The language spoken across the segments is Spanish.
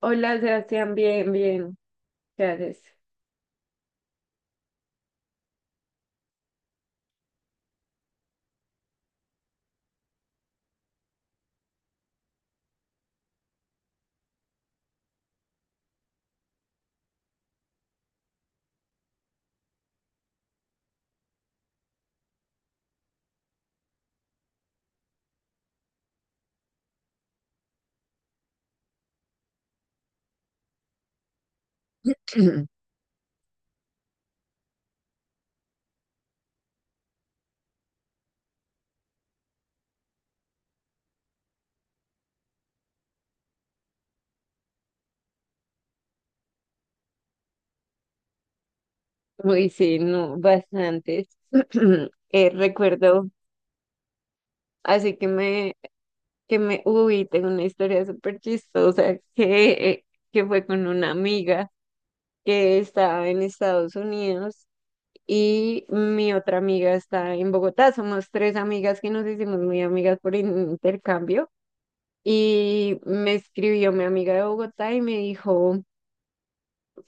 Hola, Sebastián, bien, bien. Gracias. Muy sí, no, bastantes. Eh, recuerdo, así que me, uy, tengo una historia súper chistosa que fue con una amiga que estaba en Estados Unidos y mi otra amiga está en Bogotá. Somos tres amigas que nos hicimos muy amigas por intercambio y me escribió mi amiga de Bogotá y me dijo...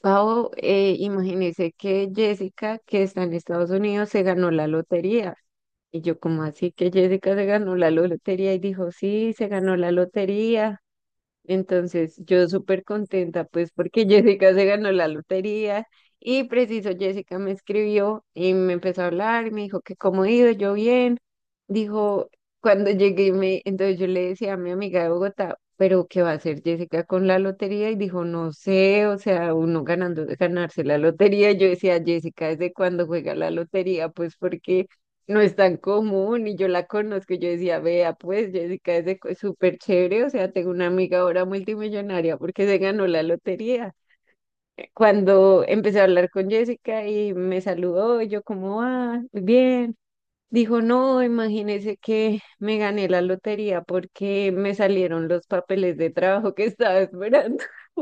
Pau, imagínese que Jessica, que está en Estados Unidos, se ganó la lotería. Y yo, ¿como así que Jessica se ganó la lotería? Y dijo, sí, se ganó la lotería. Entonces, yo súper contenta, pues, porque Jessica se ganó la lotería y preciso, Jessica me escribió y me empezó a hablar y me dijo que cómo he ido, yo bien. Dijo, cuando llegué, me, entonces yo le decía a mi amiga de Bogotá, pero ¿qué va a hacer Jessica con la lotería? Y dijo, no sé, o sea, uno ganando, ganarse la lotería. Yo decía, Jessica, ¿desde cuándo juega la lotería? Pues porque no es tan común y yo la conozco. Y yo decía, vea, pues Jessica es de co- súper chévere, o sea, tengo una amiga ahora multimillonaria porque se ganó la lotería. Cuando empecé a hablar con Jessica y me saludó, y yo como, ah, bien. Dijo, no, imagínese que me gané la lotería porque me salieron los papeles de trabajo que estaba esperando.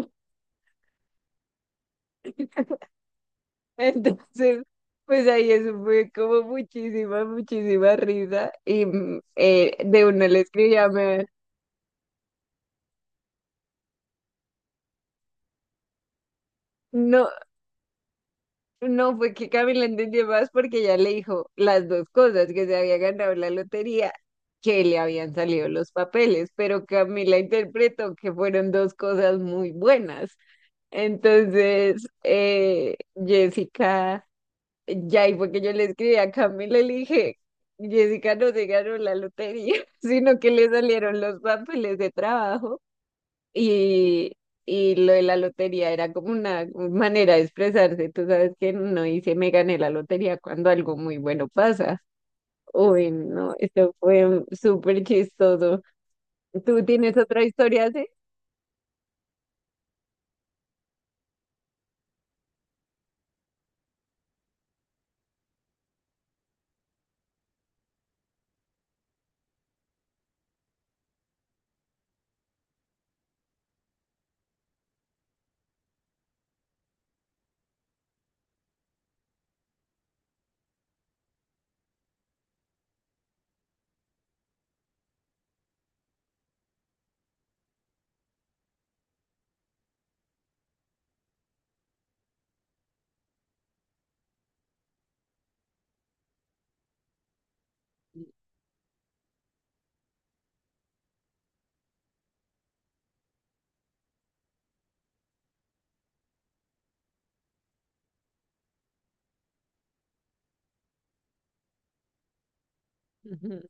Entonces, pues ahí eso fue como muchísima risa. Y de una le escribí a me, no, no, fue que Camila entendió más porque ya le dijo las dos cosas, que se había ganado la lotería, que le habían salido los papeles, pero Camila interpretó que fueron dos cosas muy buenas. Entonces, Jessica, ya y fue que yo le escribí a Camila y le dije, Jessica no se ganó la lotería, sino que le salieron los papeles de trabajo. Y, y lo de la lotería era como una manera de expresarse. Tú sabes que no dice me gané la lotería cuando algo muy bueno pasa. Uy, no, esto fue un- súper chistoso. ¿Tú tienes otra historia así? Ujú.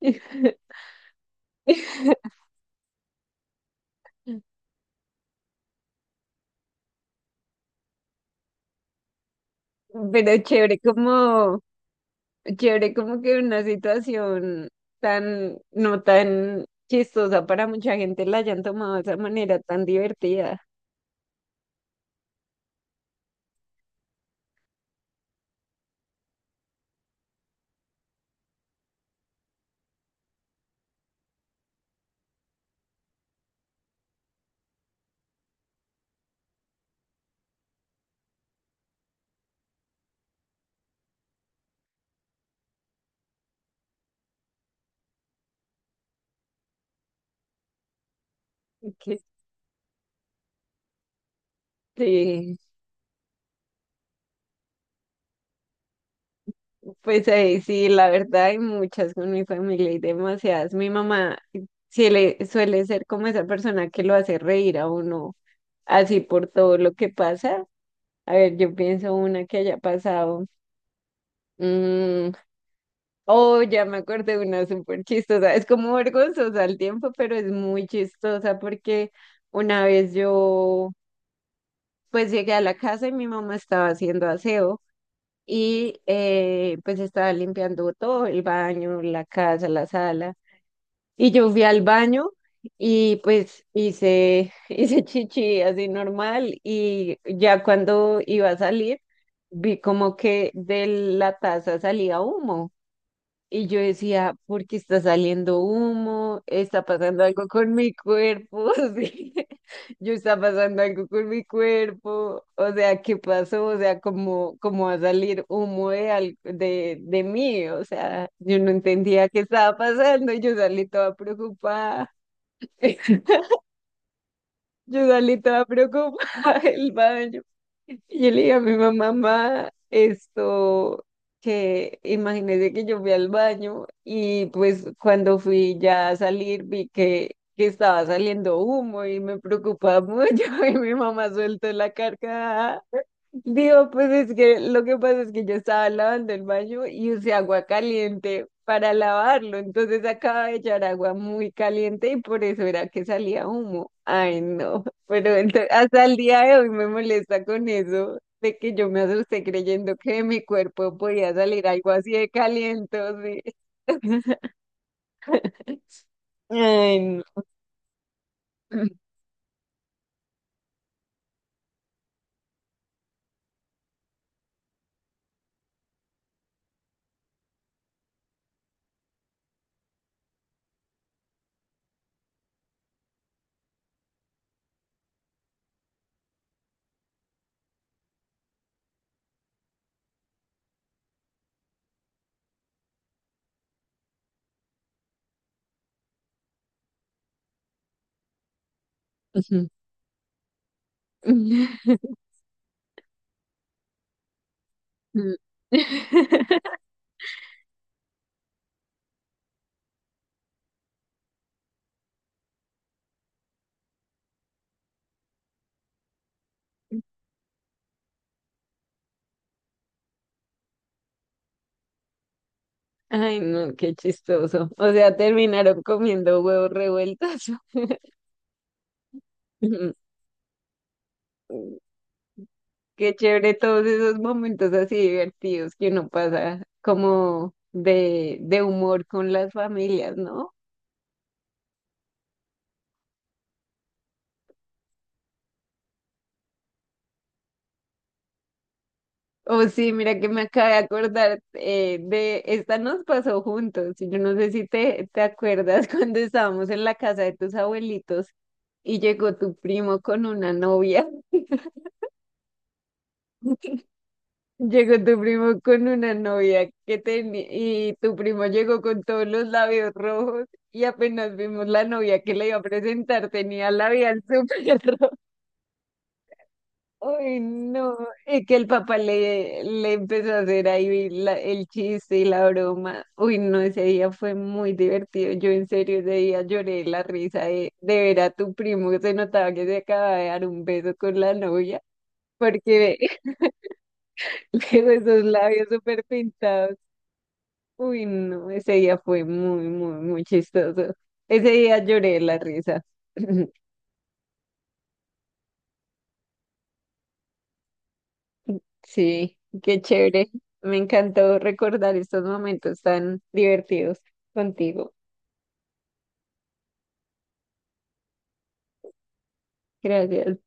Pero chévere como que una situación tan, no tan chistosa para mucha gente la hayan tomado de esa manera tan divertida. Que sí. Pues ahí sí, la verdad hay muchas con mi familia y demasiadas. Mi mamá sí le suele ser como esa persona que lo hace reír a uno, así por todo lo que pasa. A ver, yo pienso una que haya pasado. mm, oh, ya me acordé de una súper chistosa. Es como vergonzosa al tiempo, pero es muy chistosa porque una vez yo pues llegué a la casa y mi mamá estaba haciendo aseo y pues estaba limpiando todo, el baño, la casa, la sala. Y yo fui al baño y pues hice, hice chichi así normal y ya cuando iba a salir vi como que de la taza salía humo. Y yo decía, ¿por qué está saliendo humo? ¿Está pasando algo con mi cuerpo? Sí. Yo está pasando algo con mi cuerpo. O sea, ¿qué pasó? O sea, ¿cómo va a salir humo de, al- de mí? O sea, yo no entendía qué estaba pasando y yo salí toda preocupada. Yo igual estaba preocupada el baño. Y yo le dije a mi mamá, mamá, esto, que imagínese que yo fui al baño y pues cuando fui ya a salir vi que estaba saliendo humo y me preocupaba mucho y mi mamá suelto la carcajada. Digo, pues es que lo que pasa es que yo estaba lavando el baño y usé agua caliente para lavarlo. Entonces acaba de echar agua muy caliente y por eso era que salía humo. Ay, no, pero ento- hasta el día de hoy me molesta con eso de que yo me asusté creyendo que de mi cuerpo podía salir algo así de caliente. Sí. Ay, no. Ay, no, qué chistoso. O sea, terminaron comiendo huevos revueltos. Qué chévere todos esos momentos así divertidos que uno pasa como de humor con las familias, ¿no? Oh, sí, mira que me acabé de acordar de esta nos pasó juntos. Yo no sé si te acuerdas cuando estábamos en la casa de tus abuelitos y llegó tu primo con una novia. Llegó tu primo con una novia que tenía y tu primo llegó con todos los labios rojos y apenas vimos la novia que le iba a presentar tenía labial súper rojo. Ay, no, y que el papá le empezó a hacer ahí la- el chiste y la broma. Uy, no, ese día fue muy divertido. Yo en serio ese día lloré de la risa de ver a tu primo que se notaba que se acababa de dar un beso con la novia porque luego esos labios súper pintados. Uy, no, ese día fue muy, muy, muy chistoso. Ese día lloré de la risa. Sí, qué chévere. Me encantó recordar estos momentos tan divertidos contigo. Gracias.